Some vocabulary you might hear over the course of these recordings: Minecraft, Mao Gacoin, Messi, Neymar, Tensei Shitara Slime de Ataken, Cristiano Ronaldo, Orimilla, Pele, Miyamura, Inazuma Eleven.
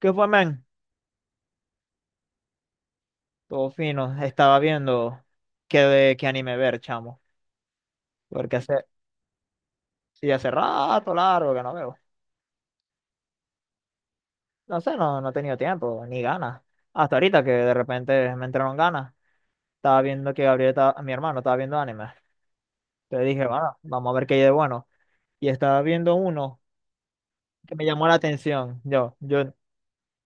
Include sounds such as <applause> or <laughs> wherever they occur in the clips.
¿Qué fue, man? Todo fino. Estaba viendo qué anime ver, chamo. Porque sí, hace rato largo que no veo. No sé, no he tenido tiempo, ni ganas. Hasta ahorita que de repente me entraron ganas. Estaba viendo que Gabriel, mi hermano, estaba viendo anime. Entonces dije, bueno, vamos a ver qué hay de bueno. Y estaba viendo uno que me llamó la atención. Yo, yo,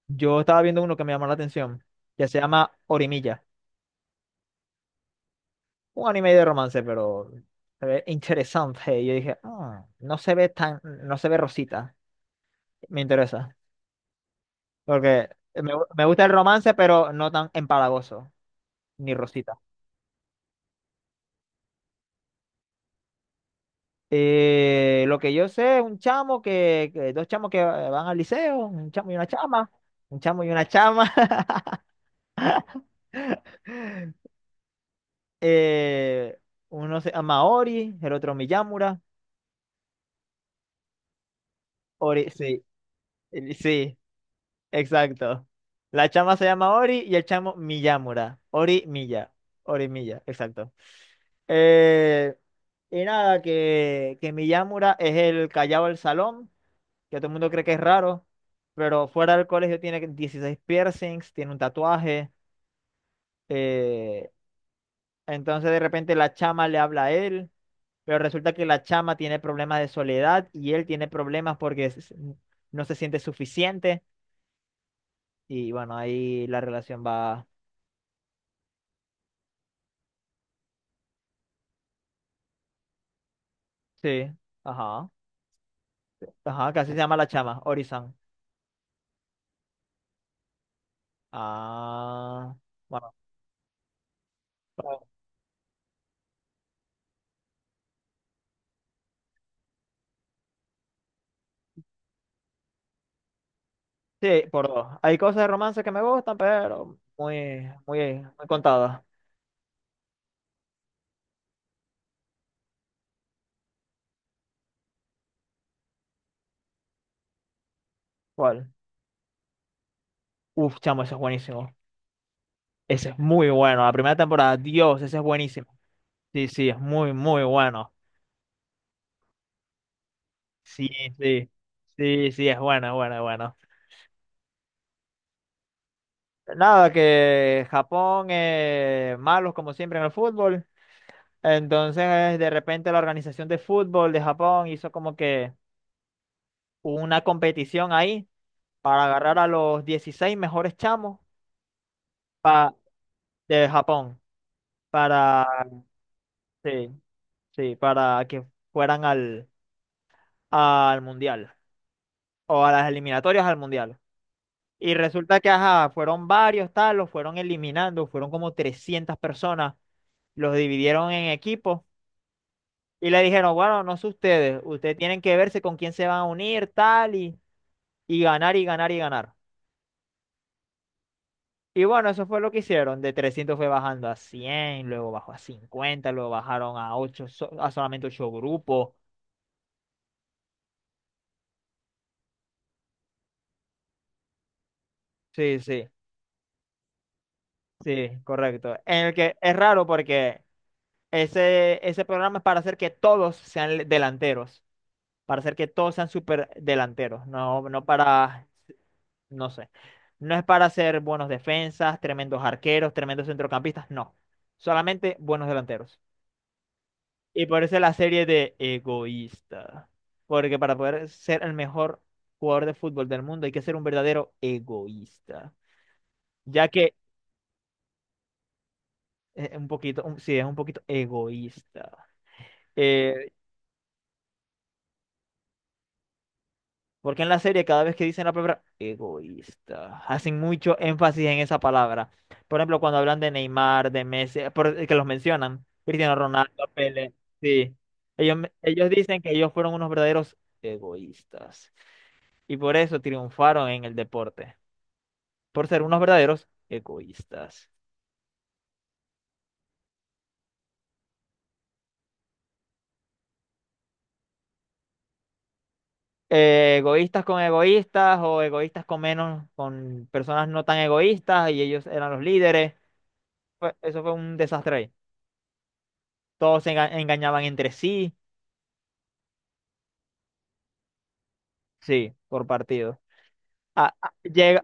yo estaba viendo uno que me llamó la atención. Que se llama Orimilla. Un anime de romance, pero se ve interesante. Y yo dije: "Ah, no se ve tan, no se ve rosita. Me interesa. Porque me gusta el romance, pero no tan empalagoso, ni rosita". Lo que yo sé es un chamo dos chamos que van al liceo, un chamo y una chama, un chamo y una chama. <laughs> eh, Uno se llama Ori, el otro Miyamura. Ori, sí, sí. Exacto. La chama se llama Ori y el chamo Miyamura. Ori Miya. Ori Miya, exacto. Eh, y nada, que Miyamura es el callado del salón, que todo el mundo cree que es raro, pero fuera del colegio tiene 16 piercings, tiene un tatuaje. eh, entonces de repente la chama le habla a él, pero resulta que la chama tiene problemas de soledad y él tiene problemas porque no se siente suficiente. Y bueno, ahí la relación va. Sí, ajá, ajá, casi se llama la chama Ori-san. Ah, bueno, pero- sí, por dos. Hay cosas de romance que me gustan, pero muy, muy, muy contadas. ¿Cuál? Uf, chamo, ese es buenísimo. Ese es muy bueno. La primera temporada, Dios, ese es buenísimo. Sí, sí, es muy, muy bueno. Sí, sí, sí, sí, es bueno, es bueno, es bueno. Nada, que Japón, malos como siempre en el fútbol. Entonces, de repente la organización de fútbol de Japón hizo como que una competición ahí para agarrar a los 16 mejores chamos, pa- de Japón, para, sí, sí, para que fueran al mundial o a las eliminatorias al mundial. Y resulta que, ajá, fueron varios, tal, los fueron eliminando, fueron como 300 personas, los dividieron en equipos y le dijeron, bueno, no sé, ustedes, ustedes tienen que verse con quién se van a unir, tal, y ganar y ganar y ganar. Y bueno, eso fue lo que hicieron. De 300 fue bajando a 100, luego bajó a 50, luego bajaron a ocho, so, a solamente 8 grupos. Sí, sí, sí, correcto. En el que es raro porque ese programa es para hacer que todos sean delanteros, para hacer que todos sean super delanteros, no, no para, no sé, no es para hacer buenos defensas, tremendos arqueros, tremendos centrocampistas, no, solamente buenos delanteros. Y por eso la serie de egoísta. Porque para poder ser el mejor jugador de fútbol del mundo hay que ser un verdadero egoísta. Ya que es un poquito, sí, es un poquito egoísta. Eh, Porque en la serie, cada vez que dicen la palabra egoísta, hacen mucho énfasis en esa palabra. Por ejemplo, cuando hablan de Neymar, de Messi, que los mencionan, Cristiano Ronaldo, Pele, sí. Ellos, ellos dicen que ellos fueron unos verdaderos egoístas. Y por eso triunfaron en el deporte. Por ser unos verdaderos egoístas. Egoístas con egoístas o egoístas con menos, con personas no tan egoístas, y ellos eran los líderes. Eso fue un desastre ahí. Todos se engañaban entre sí. Sí, por partido. Llega,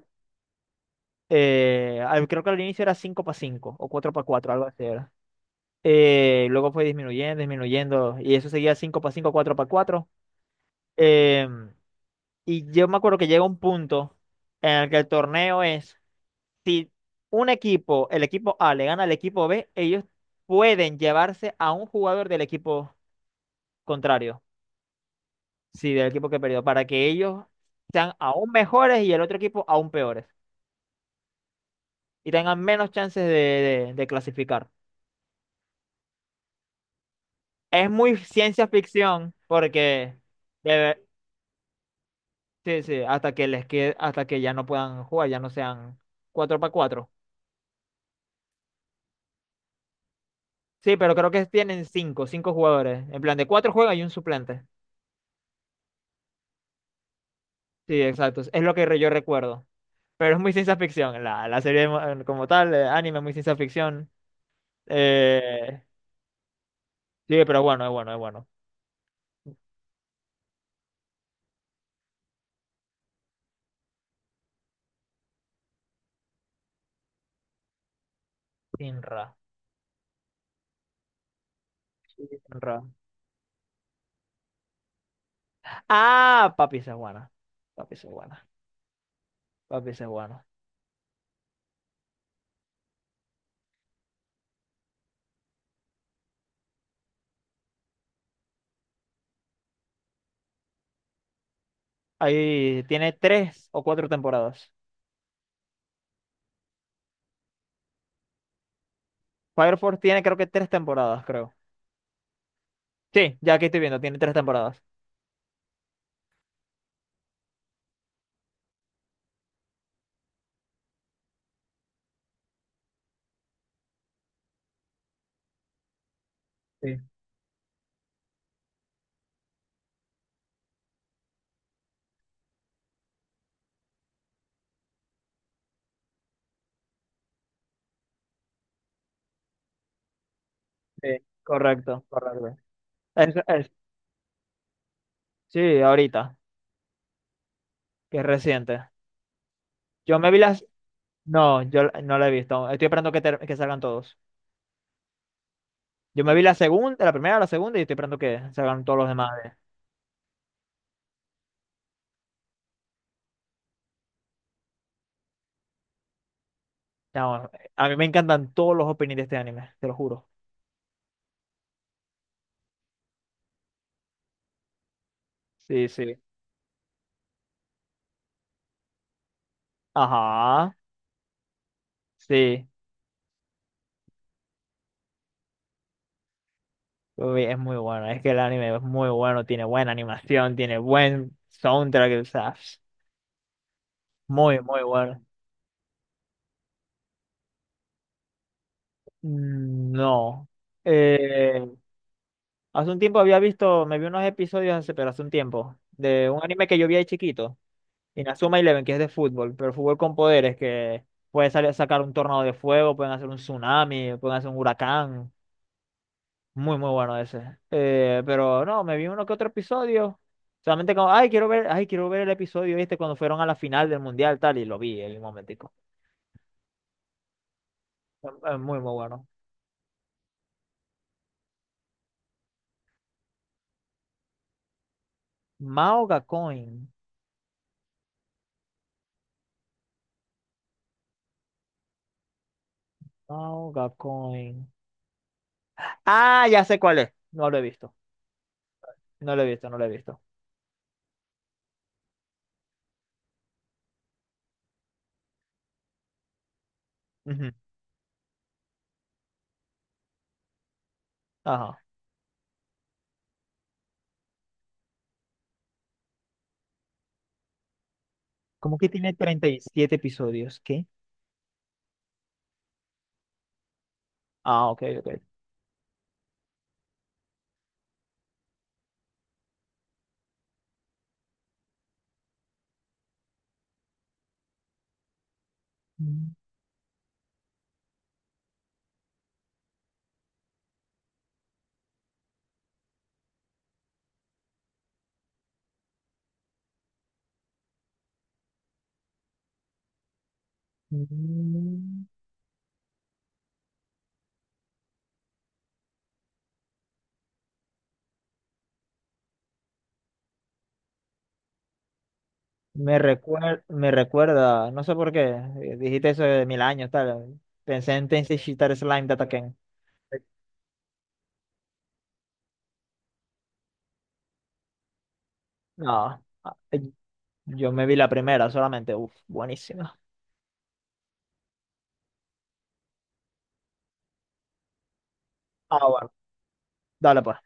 creo que al inicio era 5 para 5 o 4 para 4, algo así era. Luego fue disminuyendo, disminuyendo, y eso seguía 5 para 5, 4 para 4. Em, y yo me acuerdo que llega un punto en el que el torneo es, si un equipo, el equipo A le gana al equipo B, ellos pueden llevarse a un jugador del equipo contrario. Sí, del equipo que perdió, para que ellos sean aún mejores y el otro equipo aún peores, y tengan menos chances de, de clasificar. Es muy ciencia ficción porque debe- sí, sí, hasta que les quede, hasta que ya no puedan jugar, ya no sean 4 para 4. Sí, pero creo que tienen 5, 5 jugadores. En plan, de 4 juegan y un suplente. Sí, exacto. Es lo que yo recuerdo. Pero es muy ciencia ficción. La serie como tal, anime, muy ciencia ficción. Eh, sí, pero bueno, es bueno, es bueno. Inra. Ra- Ah, papi, esa es buena. Papi, esa es buena. Papi, esa es buena. Ahí tiene tres o cuatro temporadas. Fire Force tiene creo que tres temporadas, creo. Sí, ya aquí estoy viendo, tiene tres temporadas. Sí, sí, correcto, correcto. Es- es- sí, ahorita, que es reciente. Yo me vi las... No, yo no la he visto. Estoy esperando que salgan todos. Yo me vi la segunda, la primera, la segunda y estoy esperando que salgan todos los demás. No, a mí me encantan todos los openings de este anime, te lo juro. Sí, sí. Ajá. Sí, uy, es muy bueno. Es que el anime es muy bueno, tiene buena animación, tiene buen soundtrack, o sea, muy, muy bueno. Mm. No. Eh, hace un tiempo había visto, me vi unos episodios hace, pero hace un tiempo, de un anime que yo vi ahí chiquito, Inazuma Eleven, que es de fútbol, pero fútbol con poderes, que puede salir, sacar un tornado de fuego, pueden hacer un tsunami, pueden hacer un huracán. Muy, muy bueno ese. Pero no, me vi uno que otro episodio. Solamente como, ay, quiero ver el episodio este cuando fueron a la final del mundial, tal, y lo vi en un momentico. Muy, muy bueno. Mao Gacoin. Mao Gacoin. Ah, ya sé cuál es. No lo he visto. No lo he visto, no lo he visto. Ujú. Ajá. ¿Cómo que tiene 37 episodios? ¿Qué? Ah, ok, ok. Mm, mm. Me recuerda, no sé por qué, dijiste eso de mil años, tal. Pensé en Tensei Shitara Slime de Ataken. No, yo me vi la primera solamente, uff, buenísima. Ah, bueno, dale pues.